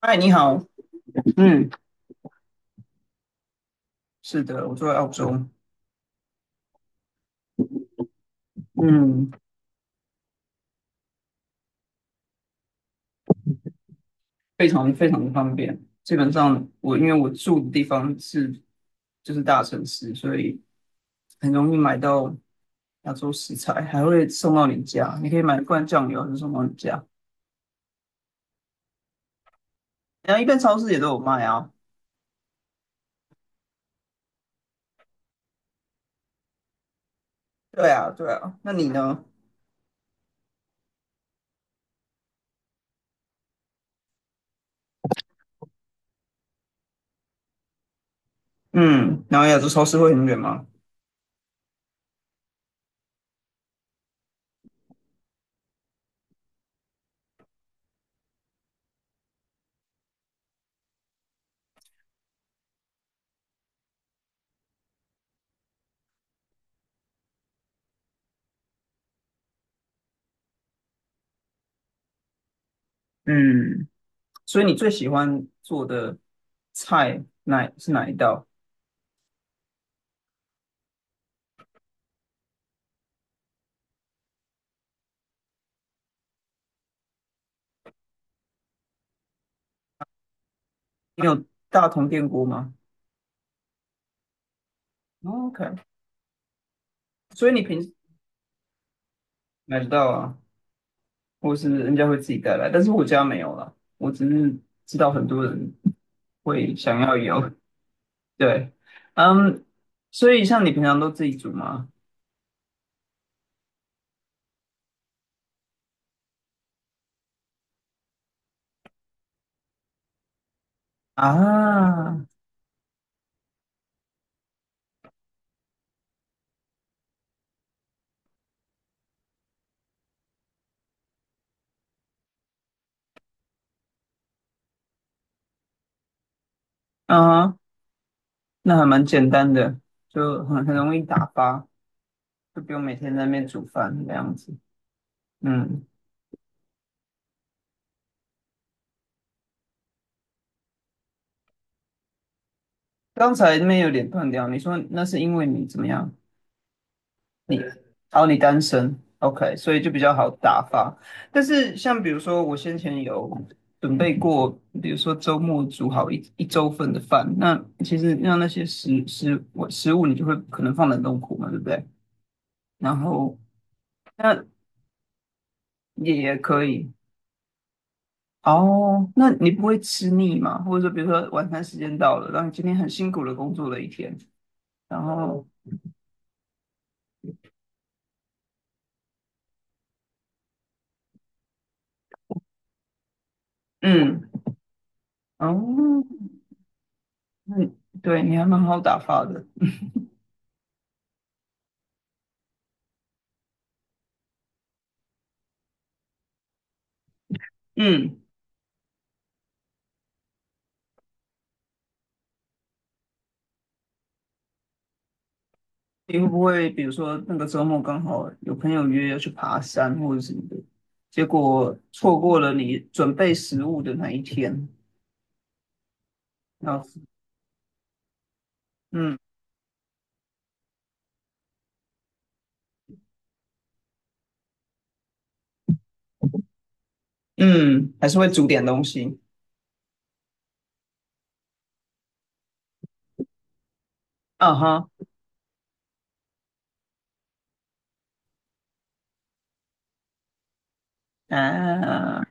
嗨，你好。嗯，是的，我住在澳洲。嗯，非常非常的方便。基本上因为我住的地方就是大城市，所以很容易买到亚洲食材，还会送到你家。你可以买一罐酱油，就送到你家。然后一般超市也都有卖啊。对啊，对啊。那你呢？嗯，然后亚洲超市会很远吗？嗯，所以你最喜欢做的菜是哪一道？你有大同电锅吗？哦？OK，所以你平时。买不到啊，或是人家会自己带来，但是我家没有了，我只是知道很多人会想要有。对，嗯，所以像你平常都自己煮吗？啊，啊，那还蛮简单的，就很容易打发，就不用每天在那边煮饭那样子。嗯，刚才那边有点断掉，你说那是因为你怎么样？你，哦，你单身，OK，所以就比较好打发。但是像比如说，我先前有准备过，比如说周末煮好一周份的饭，那其实让那些食物，你就会可能放冷冻库嘛，对不对？然后那也可以哦。那你不会吃腻吗？或者说，比如说晚餐时间到了，然后你今天很辛苦的工作了一天，然后嗯，哦，嗯，对，你还蛮好打发的。嗯。你会不会比如说那个周末刚好有朋友约要去爬山或者什么的，结果错过了你准备食物的那一天？然后，嗯嗯，还是会煮点东西。啊哈，啊，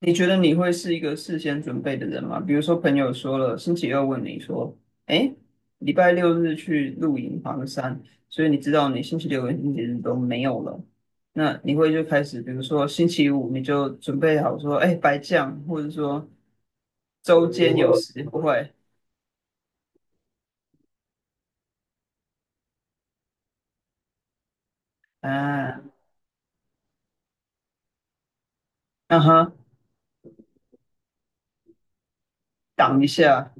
你觉得你会是一个事先准备的人吗？比如说朋友说了，星期二问你说，哎，礼拜六日去露营爬个山，所以你知道你星期六跟星期日都没有了，那你会就开始，比如说星期五你就准备好说，哎，白酱，或者说周间有时不会。啊，嗯哼，挡一下。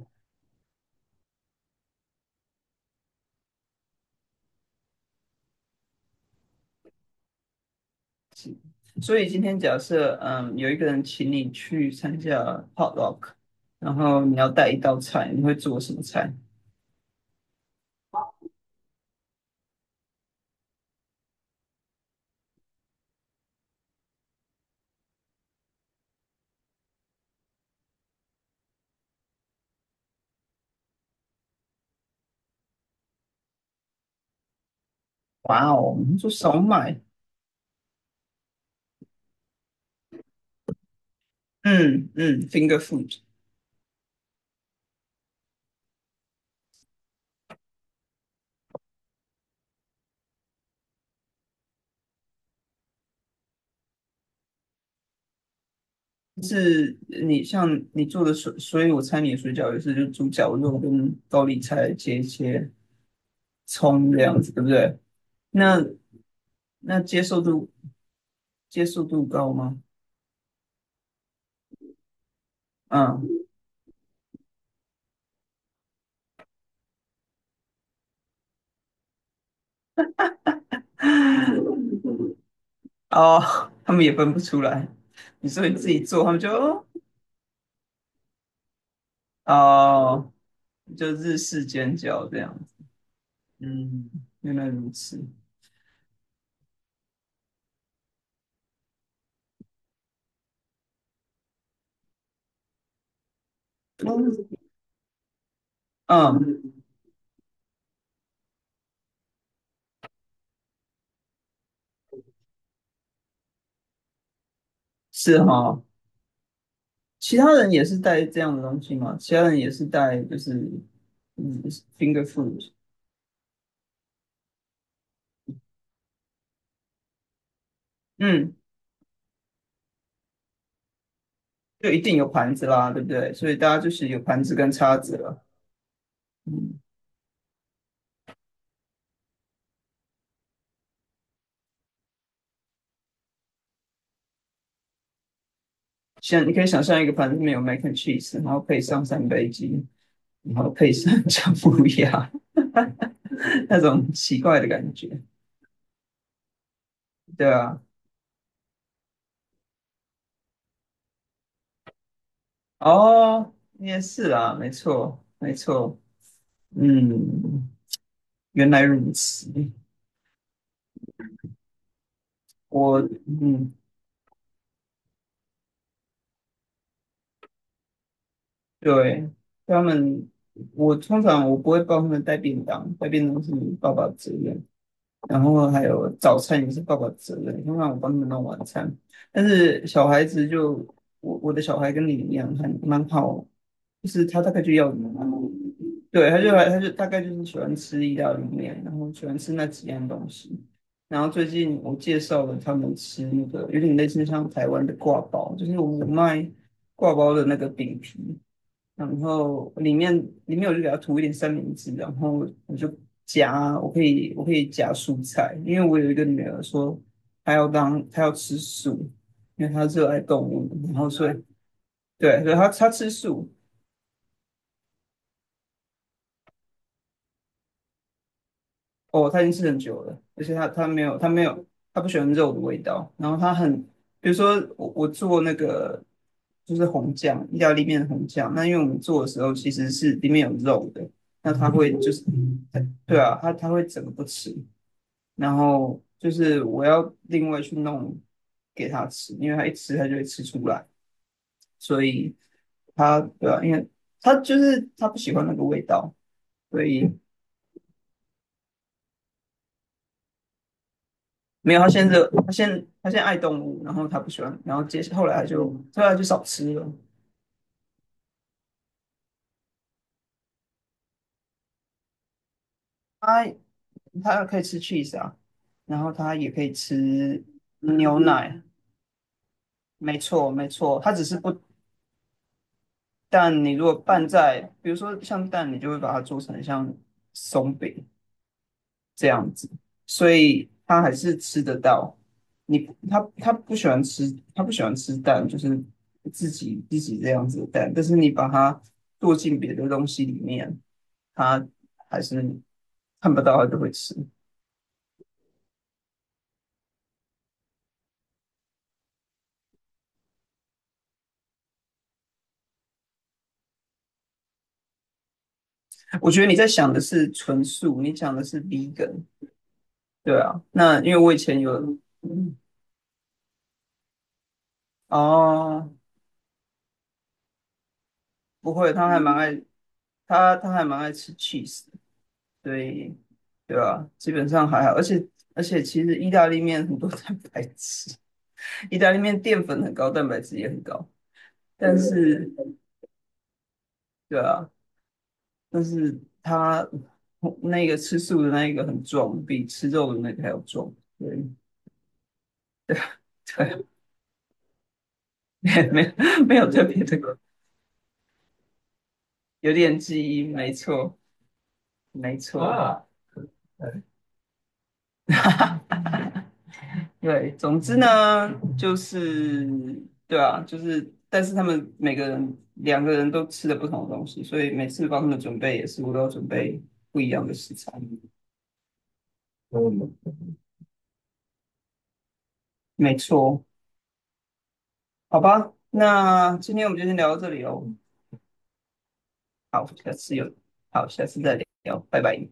所以今天假设，有一个人请你去参加 potluck，然后你要带一道菜，你会做什么菜？哇哦，你说手买，嗯嗯，finger food 是你像你做的水，所以我猜你的水饺也是就猪脚肉跟高丽菜切一切，葱这样子，对不对？那那接受度高吗？嗯，哦，他们也分不出来。你说你自己做，他们就哦，哦就日式煎饺这样子。嗯，原来如此。嗯，是哈、其他人也是带这样的东西嘛？其他人也是带就是嗯 finger food，嗯，就一定有盘子啦，对不对？所以大家就是有盘子跟叉子了。嗯，像你可以想象一个盘子里面有 mac and cheese，然后配上三杯鸡，然后配上姜母鸭，那种奇怪的感觉，对啊。哦，也是啊，没错，没错，嗯，原来如此。我嗯，对，他们。我通常不会帮他们带便当，带便当是爸爸的责任，然后还有早餐也是爸爸的责任，通常我帮他们弄晚餐。但是小孩子就我的小孩跟你一样，很蛮好，就是他大概就要什么。对，他就大概就是喜欢吃意大利面，然后喜欢吃那几样东西。然后最近我介绍了他们吃那个有点类似像台湾的挂包，就是我们卖挂包的那个饼皮，然后里面我就给它涂一点三明治，然后我就夹，我可以夹蔬菜，因为我有一个女儿说她要吃素，因为她热爱动物，然后所以对，所以她吃素。哦，她已经吃很久了，而且她她没有她没有她不喜欢肉的味道，然后比如说我做那个就是红酱意大利面的红酱，那因为我们做的时候其实是里面有肉的，那她会就是对啊，她会整个不吃。然后就是我要另外去弄给他吃，因为他一吃他就会吃出来，所以他对啊，因为他就是他不喜欢那个味道，所以没有他现他现在爱动物，然后他不喜欢，然后接后来他就后来就少吃了。他他可以吃 cheese 啊，然后他也可以吃牛奶，没错没错，他只是不。但你如果拌在，比如说像蛋，你就会把它做成像松饼，这样子，所以他还是吃得到。你他不喜欢吃，他不喜欢吃蛋，就是自己这样子的蛋。但是你把它剁进别的东西里面，他还是看不到，他就会吃。我觉得你在想的是纯素，你讲的是 vegan，对啊。那因为我以前有，哦，不会，他还蛮爱吃 cheese。对，对啊，基本上还好，而且其实意大利面很多 蛋白质，意大利面淀粉很高，蛋白质也很高，但是对啊，但是它那个吃素的那一个很壮，比吃肉的那个还要壮，对对啊。没有特别的，有点基因，没错没错，啊。 对，总之呢，就是对啊，就是但是他们每个人两个人都吃的不同的东西，所以每次帮他们准备也是我都要准备不一样的食材。嗯，没错，好吧，那今天我们就先聊到这里哦。好，下次有，好，下次再聊，拜拜。